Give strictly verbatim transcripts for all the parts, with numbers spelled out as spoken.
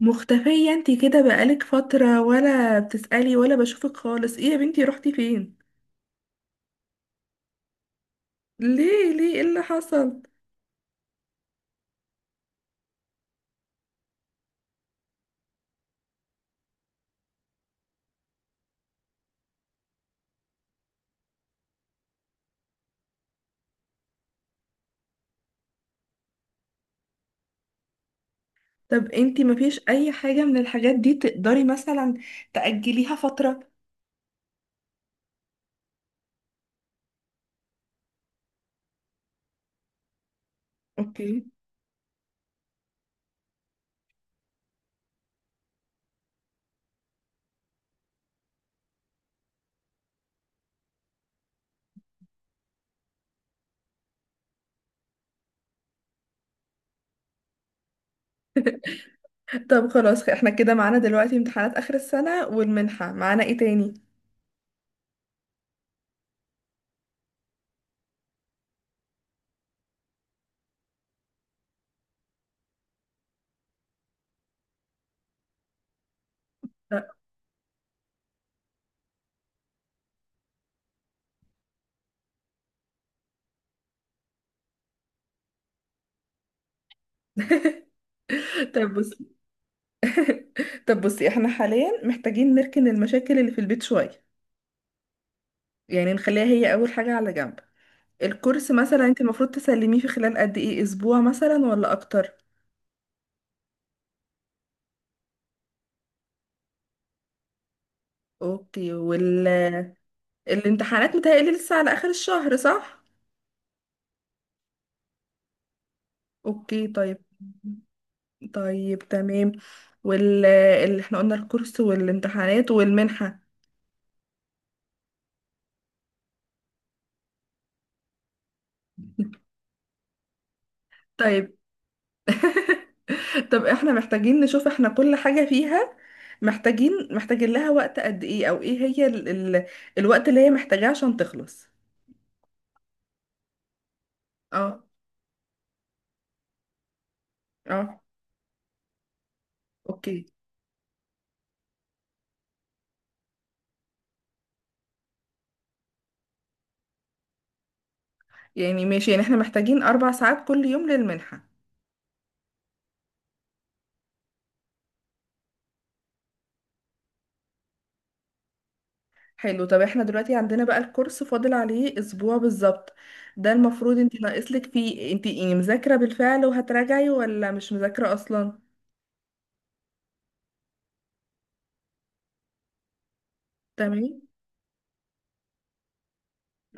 مختفية انتي كده بقالك فترة ولا بتسألي ولا بشوفك خالص. ايه يا بنتي، روحتي فين؟ ليه ليه ايه اللي حصل؟ طب انتي مفيش اي حاجة من الحاجات دي تقدري مثلا تأجليها فترة؟ اوكي. طب خلاص، احنا كده معانا دلوقتي امتحانات آخر السنة والمنحة، معانا ايه تاني؟ طب بصي طب بصي احنا حاليا محتاجين نركن المشاكل اللي في البيت شوية، يعني نخليها هي أول حاجة على جنب. الكورس مثلا انت المفروض تسلميه في خلال قد ايه، اسبوع مثلا ولا اكتر؟ اوكي. وال الامتحانات متهيألي لسه على آخر الشهر، صح؟ اوكي، طيب. طيب، تمام. وال اللي احنا قلنا الكورس والامتحانات والمنحة. طيب. طب احنا محتاجين نشوف احنا كل حاجة فيها محتاجين محتاجين لها وقت قد ايه، او ايه هي ال... ال... الوقت اللي هي محتاجاه عشان تخلص. اه. اه. اوكي، يعني ماشي، يعني احنا محتاجين اربع ساعات كل يوم للمنحة. حلو. طب احنا دلوقتي عندنا بقى الكورس فاضل عليه اسبوع بالظبط، ده المفروض انت ناقصلك فيه انت يعني مذاكرة بالفعل وهتراجعي ولا مش مذاكرة اصلا. تمام.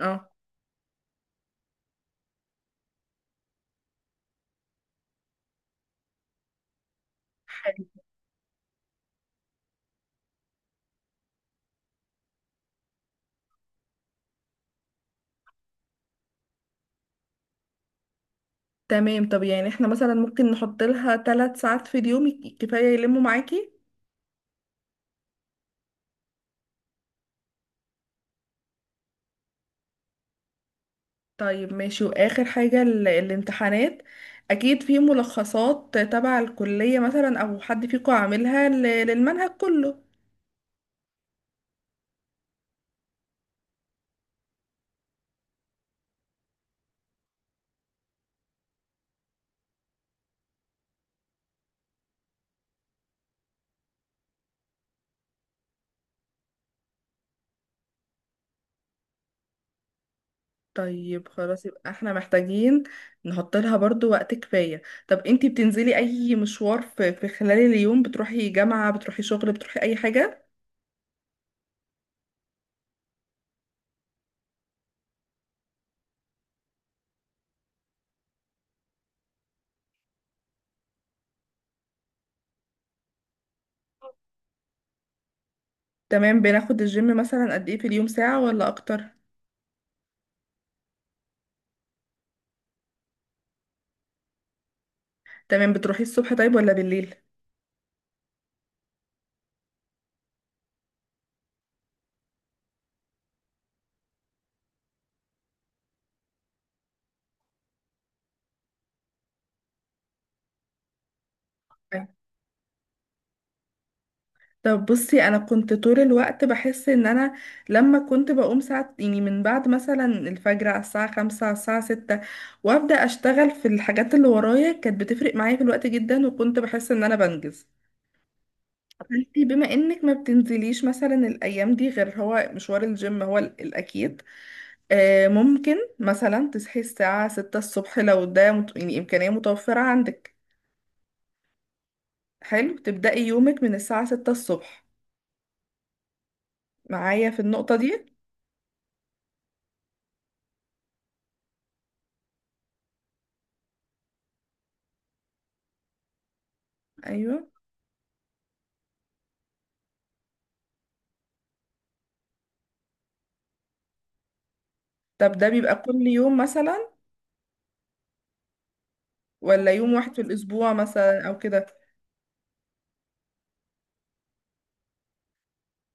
اه. حلو. تمام. طب يعني احنا مثلا ممكن نحط لها ثلاث ساعات في اليوم، يك- كفاية يلموا معاكي. طيب، ماشي. واخر حاجة ال- الامتحانات، اكيد في ملخصات تبع الكلية مثلا او حد فيكم عاملها ل- للمنهج كله. طيب خلاص، يبقى احنا محتاجين نحط لها برضو وقت كفاية. طب انتي بتنزلي اي مشوار في, في خلال اليوم، بتروحي جامعة، بتروحي شغل، بتروحي اي حاجة؟ تمام. بناخد الجيم مثلا قد ايه في اليوم، ساعة ولا اكتر؟ تمام. بتروحي الصبح طيب ولا بالليل؟ طيب. طب بصي، انا كنت طول الوقت بحس ان انا لما كنت بقوم ساعة يعني من بعد مثلا الفجر، على الساعة خمسة، على الساعة ستة، وابدأ اشتغل في الحاجات اللي ورايا، كانت بتفرق معايا في الوقت جدا، وكنت بحس ان انا بنجز. انتي بما انك ما بتنزليش مثلا الايام دي غير هو مشوار الجيم هو ال- الاكيد. آه، ممكن مثلا تصحي الساعة ستة الصبح لو ده مت... يعني امكانية متوفرة عندك. حلو، تبدأي يومك من الساعة ستة الصبح معايا في النقطة دي. ايوه. طب ده بيبقى كل يوم مثلا ولا يوم واحد في الاسبوع مثلا او كده؟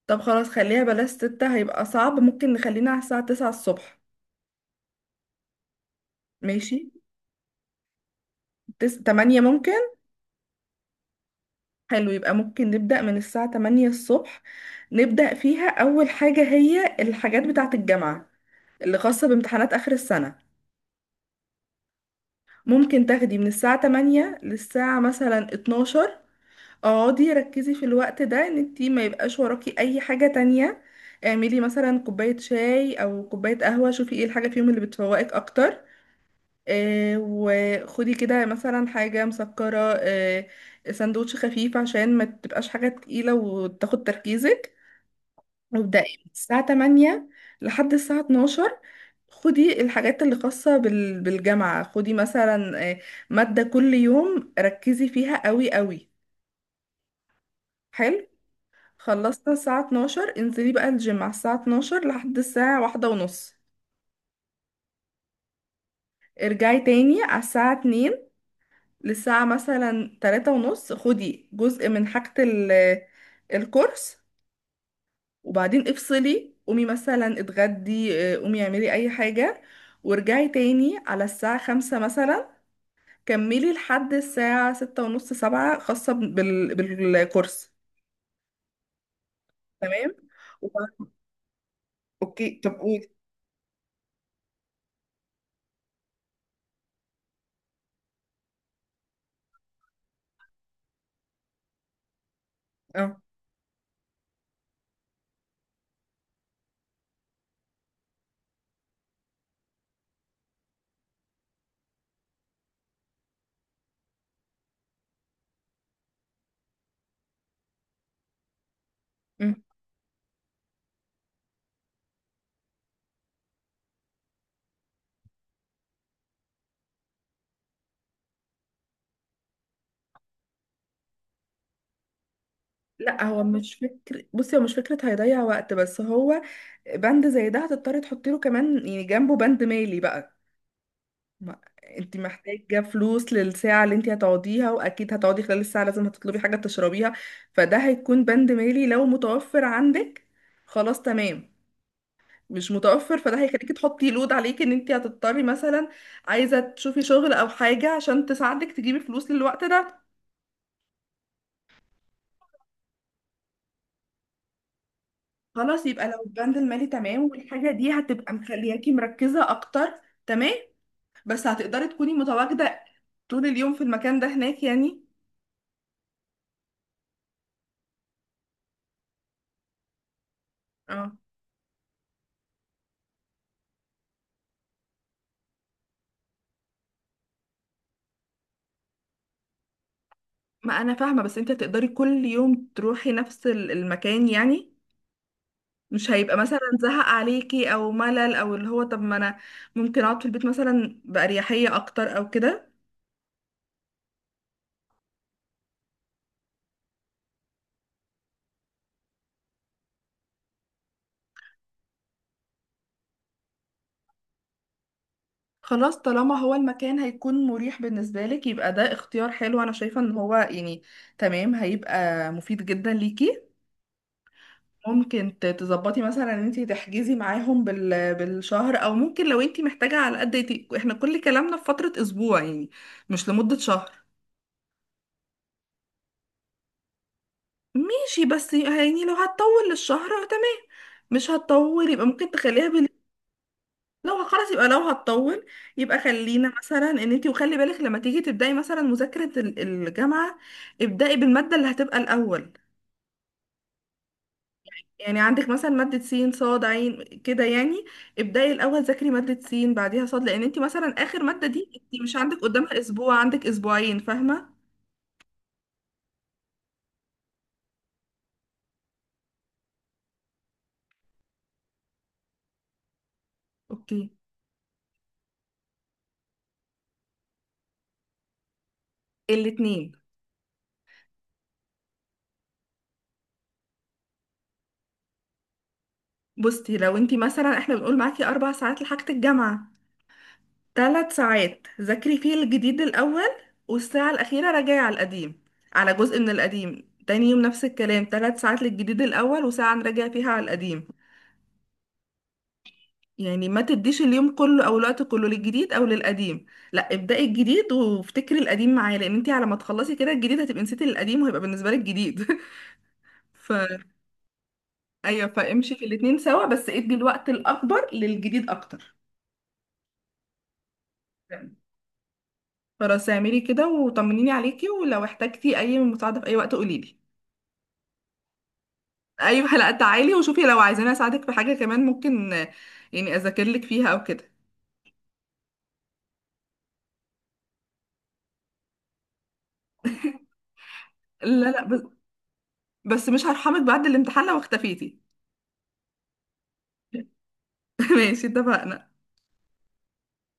طب خلاص، خليها بلاش ستة، هيبقى صعب، ممكن نخلينا على الساعة تسعة الصبح. ماشي. تس... تمانية ممكن. حلو، يبقى ممكن نبدأ من الساعة تمانية الصبح، نبدأ فيها أول حاجة هي الحاجات بتاعة الجامعة اللي خاصة بامتحانات آخر السنة. ممكن تاخدي من الساعة تمانية للساعة مثلا اتناشر. اقعدي ركزي في الوقت ده ان انتي ما يبقاش وراكي اي حاجة تانية. اعملي مثلا كوباية شاي او كوباية قهوة، شوفي ايه الحاجة فيهم اللي بتفوقك اكتر. آه وخدي كده مثلا حاجة مسكرة، آه سندوتش خفيف عشان ما تبقاش حاجة تقيلة وتاخد تركيزك. مبدئيا من الساعة تمانية لحد الساعة اتناشر، خدي الحاجات اللي خاصة بال- بالجامعة. خدي مثلا آه، مادة كل يوم، ركزي فيها قوي قوي. حلو. خلصنا الساعة اتناشر، انزلي بقى الجيم على الساعة اتناشر لحد الساعة واحدة ونص. ارجعي تاني على الساعة اتنين للساعة مثلا تلاتة ونص، خدي جزء من حاجة ال- الكورس. وبعدين افصلي، قومي مثلا اتغدي، آه، قومي اعملي اي حاجة، وارجعي تاني على الساعة خمسة مثلا. كملي لحد الساعة ستة ونص سبعة خاصة بال... بالكورس. تمام. وبعد... اوكي، طب قولي. اه. مم. لا، هو مش فكر، بصي هو مش فكرة هيضيع وقت، بس هو بند زي ده هتضطري تحطي له كمان، يعني جنبه بند مالي بقى. ما انت محتاجة فلوس للساعة اللي انت هتقعديها، واكيد هتقعدي خلال الساعة لازم هتطلبي حاجة تشربيها، فده هيكون بند مالي لو متوفر عندك. خلاص تمام. مش متوفر فده هيخليكي تحطي لود عليك ان انت هتضطري مثلا عايزة تشوفي شغل او حاجة عشان تساعدك تجيبي فلوس للوقت ده. خلاص، يبقى لو البند المالي تمام والحاجة دي هتبقى مخلياكي مركزة اكتر، تمام. بس هتقدري تكوني متواجدة طول اليوم في المكان ده هناك يعني؟ اه، ما انا فاهمه، بس انت تقدري كل يوم تروحي نفس ال- المكان يعني؟ مش هيبقى مثلا زهق عليكي او ملل، او اللي هو طب ما انا ممكن اقعد في البيت مثلا باريحيه اكتر او كده. خلاص، طالما هو المكان هيكون مريح بالنسبه لك، يبقى ده اختيار حلو، انا شايفه ان هو يعني تمام، هيبقى مفيد جدا ليكي. ممكن ت- تظبطي مثلا ان انت تحجزي معاهم بال... بالشهر، او ممكن لو انت محتاجه على قد احنا كل كلامنا في فتره اسبوع يعني، مش لمده شهر. ماشي، بس يعني لو هتطول للشهر، آه، تمام. مش هتطول يبقى ممكن تخليها بال... لو خلاص يبقى لو هتطول، يبقى خلينا مثلا ان انت، وخلي بالك لما تيجي تبداي مثلا مذاكرة ال- الجامعة، ابداي بالمادة اللي هتبقى الاول. يعني عندك مثلا مادة سين صاد عين كده يعني، ابداي الاول ذاكري مادة سين بعديها صاد، لان انت مثلا اخر مادة دي انت مش عندك قدامها اسبوع، عندك اسبوعين، فاهمة؟ اوكي. الاتنين. بصي، لو انت مثلا احنا بنقول معاكي اربع ساعات لحاجة الجامعة، ثلاث ساعات ذاكري فيه الجديد الأول، والساعة الأخيرة راجعي على القديم، على جزء من القديم. تاني يوم نفس الكلام، ثلاث ساعات للجديد الأول وساعة نراجع فيها على القديم. يعني ما تديش اليوم كله أو الوقت كله للجديد أو للقديم، لا ابدأي الجديد وافتكري القديم معاه، لأن انتي على ما تخلصي كده الجديد هتبقي نسيتي القديم وهيبقى بالنسبة لك جديد. ف أيوه، فامشي في الاتنين سوا، بس ادي الوقت الأكبر للجديد أكتر. خلاص اعملي كده، وطمنيني عليكي، ولو احتجتي أي مساعدة في أي وقت قوليلي. ايوه، لا تعالي وشوفي، لو عايزاني اساعدك في حاجه كمان ممكن، آه، يعني اذاكر لك فيها او كده. لا لا بس بس مش هرحمك بعد الامتحان لو اختفيتي. ماشي، اتفقنا.